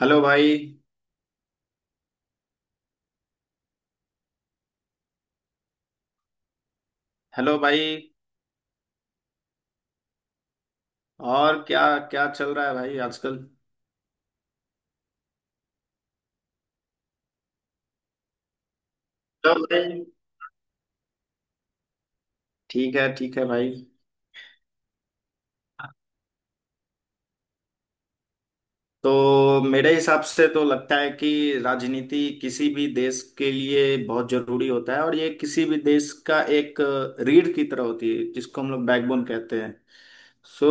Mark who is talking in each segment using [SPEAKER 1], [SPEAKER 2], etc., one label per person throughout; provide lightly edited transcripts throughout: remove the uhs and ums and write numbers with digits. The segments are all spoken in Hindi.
[SPEAKER 1] हेलो भाई। हेलो भाई। और क्या, क्या चल रहा है भाई आजकल? हेलो भाई। ठीक है, ठीक है भाई। तो मेरे हिसाब से तो लगता है कि राजनीति किसी भी देश के लिए बहुत जरूरी होता है, और ये किसी भी देश का एक रीढ़ की तरह होती है जिसको हम लोग बैकबोन कहते हैं। सो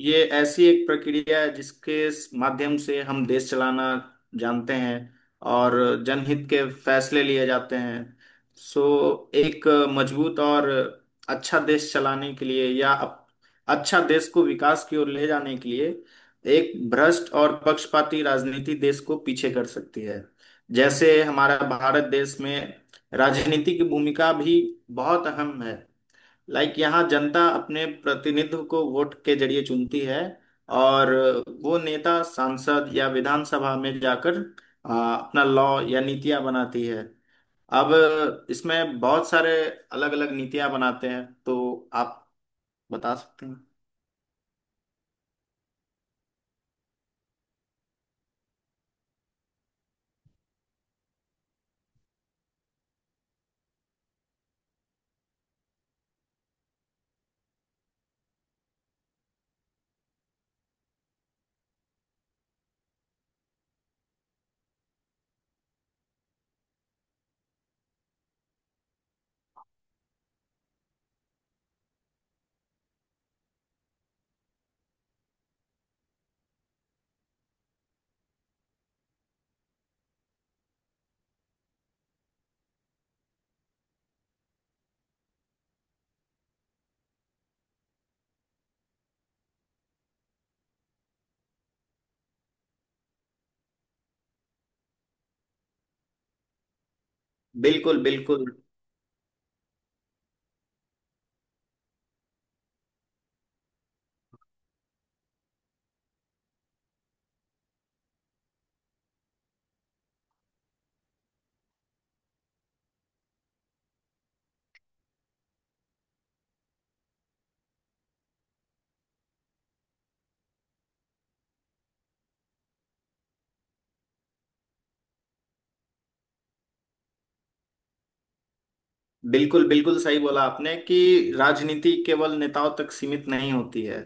[SPEAKER 1] ये ऐसी एक प्रक्रिया है जिसके माध्यम से हम देश चलाना जानते हैं, और जनहित के फैसले लिए जाते हैं। सो एक मजबूत और अच्छा देश चलाने के लिए या अच्छा देश को विकास की ओर ले जाने के लिए, एक भ्रष्ट और पक्षपाती राजनीति देश को पीछे कर सकती है। जैसे हमारा भारत देश में राजनीति की भूमिका भी बहुत अहम है। लाइक यहाँ जनता अपने प्रतिनिधित्व को वोट के जरिए चुनती है, और वो नेता सांसद या विधानसभा में जाकर अपना लॉ या नीतियाँ बनाती है। अब इसमें बहुत सारे अलग अलग नीतियाँ बनाते हैं, तो आप बता सकते हैं। बिल्कुल, बिल्कुल। बिल्कुल, बिल्कुल सही बोला आपने कि राजनीति केवल नेताओं तक सीमित नहीं होती है।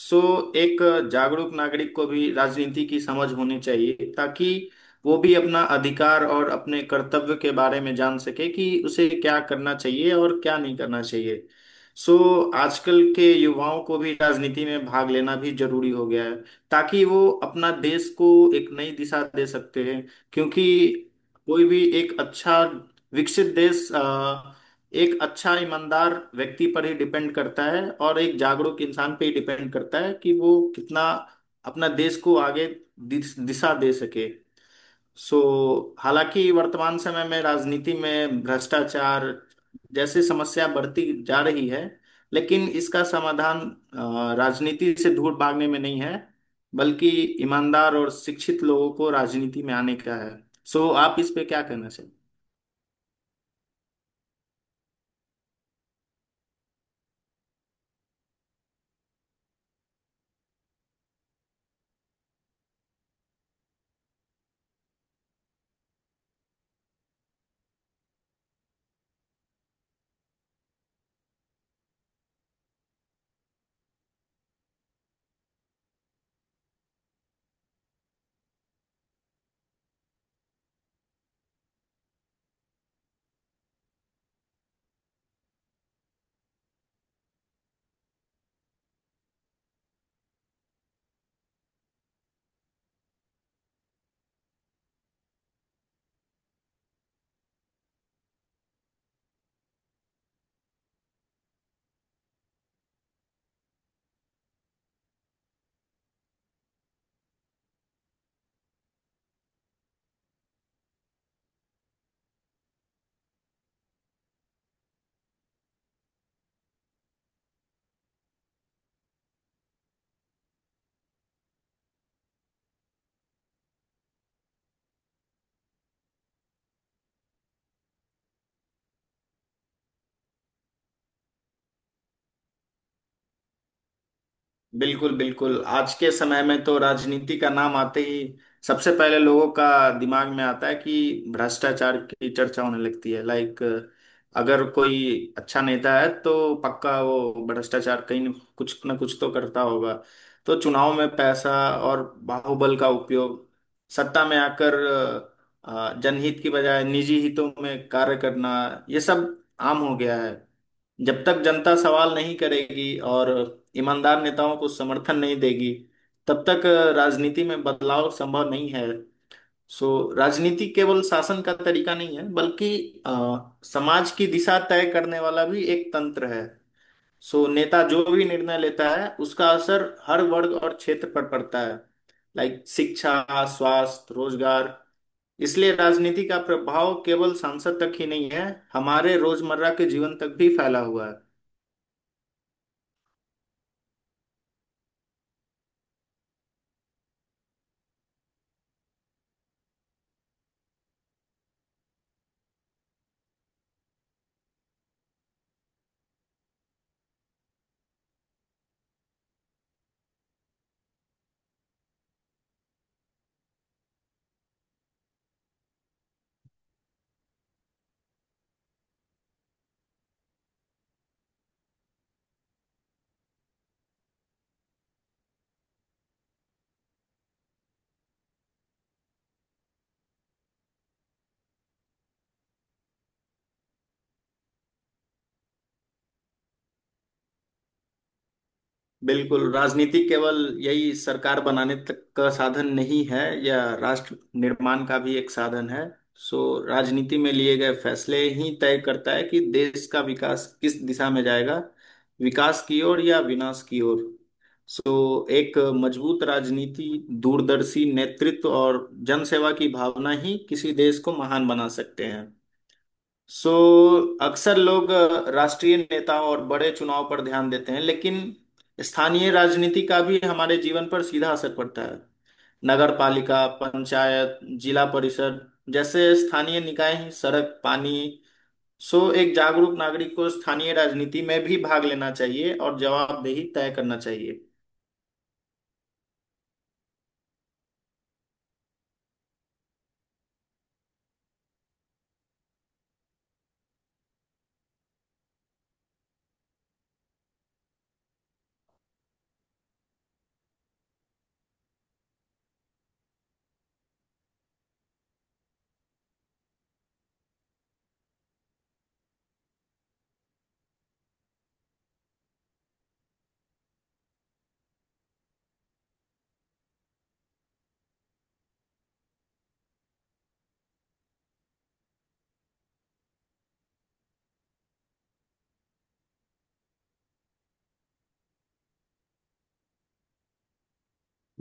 [SPEAKER 1] सो एक जागरूक नागरिक को भी राजनीति की समझ होनी चाहिए, ताकि वो भी अपना अधिकार और अपने कर्तव्य के बारे में जान सके कि उसे क्या करना चाहिए और क्या नहीं करना चाहिए। सो आजकल के युवाओं को भी राजनीति में भाग लेना भी जरूरी हो गया है, ताकि वो अपना देश को एक नई दिशा दे सकते हैं। क्योंकि कोई भी एक अच्छा विकसित देश एक अच्छा ईमानदार व्यक्ति पर ही डिपेंड करता है, और एक जागरूक इंसान पे ही डिपेंड करता है कि वो कितना अपना देश को आगे दिशा दे सके। सो हालांकि वर्तमान समय में राजनीति में भ्रष्टाचार जैसी समस्या बढ़ती जा रही है, लेकिन इसका समाधान राजनीति से दूर भागने में नहीं है, बल्कि ईमानदार और शिक्षित लोगों को राजनीति में आने का है। सो आप इस पे क्या कहना चाहेंगे? बिल्कुल, बिल्कुल। आज के समय में तो राजनीति का नाम आते ही सबसे पहले लोगों का दिमाग में आता है कि भ्रष्टाचार की चर्चा होने लगती है। लाइक अगर कोई अच्छा नेता है तो पक्का वो भ्रष्टाचार कहीं न कुछ ना कुछ तो करता होगा। तो चुनाव में पैसा और बाहुबल का उपयोग, सत्ता में आकर जनहित की बजाय निजी हितों में कार्य करना, ये सब आम हो गया है। जब तक जनता सवाल नहीं करेगी और ईमानदार नेताओं को समर्थन नहीं देगी, तब तक राजनीति में बदलाव संभव नहीं है। सो राजनीति केवल शासन का तरीका नहीं है, बल्कि अ, समाज की दिशा तय करने वाला भी एक तंत्र है। सो नेता जो भी निर्णय लेता है उसका असर हर वर्ग और क्षेत्र पर पड़ता है। लाइक शिक्षा, स्वास्थ्य, रोजगार। इसलिए राजनीति का प्रभाव केवल सांसद तक ही नहीं है, हमारे रोजमर्रा के जीवन तक भी फैला हुआ है। बिल्कुल। राजनीति केवल यही सरकार बनाने तक का साधन नहीं है, यह राष्ट्र निर्माण का भी एक साधन है। सो राजनीति में लिए गए फैसले ही तय करता है कि देश का विकास किस दिशा में जाएगा, विकास की ओर या विनाश की ओर। सो एक मजबूत राजनीति, दूरदर्शी नेतृत्व और जनसेवा की भावना ही किसी देश को महान बना सकते हैं। सो अक्सर लोग राष्ट्रीय नेताओं और बड़े चुनाव पर ध्यान देते हैं, लेकिन स्थानीय राजनीति का भी हमारे जीवन पर सीधा असर पड़ता है। नगर पालिका, पंचायत, जिला परिषद जैसे स्थानीय निकाय हैं, सड़क, पानी। सो एक जागरूक नागरिक को स्थानीय राजनीति में भी भाग लेना चाहिए और जवाबदेही तय करना चाहिए।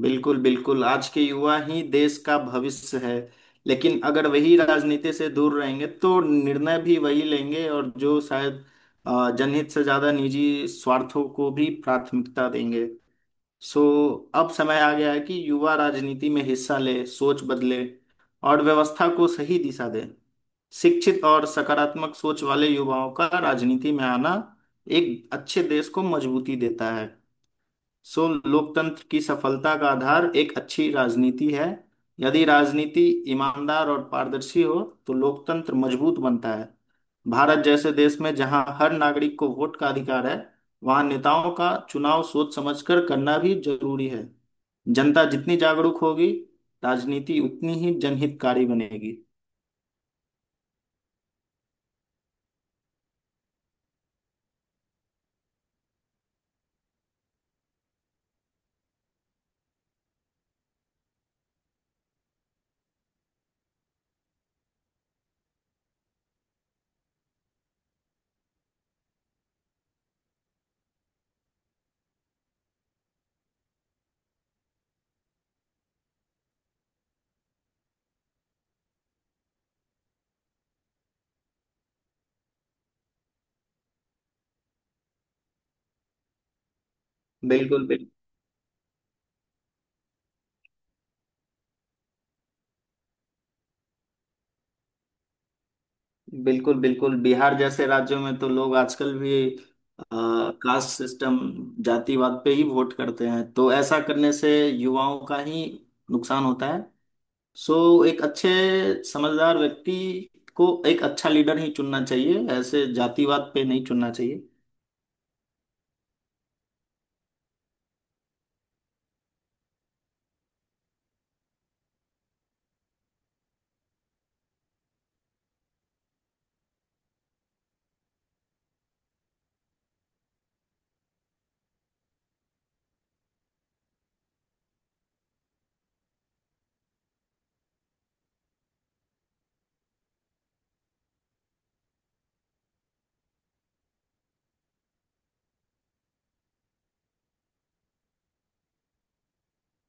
[SPEAKER 1] बिल्कुल, बिल्कुल। आज के युवा ही देश का भविष्य है, लेकिन अगर वही राजनीति से दूर रहेंगे तो निर्णय भी वही लेंगे, और जो शायद जनहित से ज्यादा निजी स्वार्थों को भी प्राथमिकता देंगे। सो अब समय आ गया है कि युवा राजनीति में हिस्सा ले, सोच बदले, और व्यवस्था को सही दिशा दे। शिक्षित और सकारात्मक सोच वाले युवाओं का राजनीति में आना एक अच्छे देश को मजबूती देता है। सो लोकतंत्र की सफलता का आधार एक अच्छी राजनीति है। यदि राजनीति ईमानदार और पारदर्शी हो, तो लोकतंत्र मजबूत बनता है। भारत जैसे देश में जहां हर नागरिक को वोट का अधिकार है, वहां नेताओं का चुनाव सोच समझकर करना भी जरूरी है। जनता जितनी जागरूक होगी, राजनीति उतनी ही जनहितकारी बनेगी। बिल्कुल, बिल्कुल। बिल्कुल, बिल्कुल। बिहार जैसे राज्यों में तो लोग आजकल भी कास्ट सिस्टम, जातिवाद पे ही वोट करते हैं, तो ऐसा करने से युवाओं का ही नुकसान होता है। सो एक अच्छे समझदार व्यक्ति को एक अच्छा लीडर ही चुनना चाहिए, ऐसे जातिवाद पे नहीं चुनना चाहिए।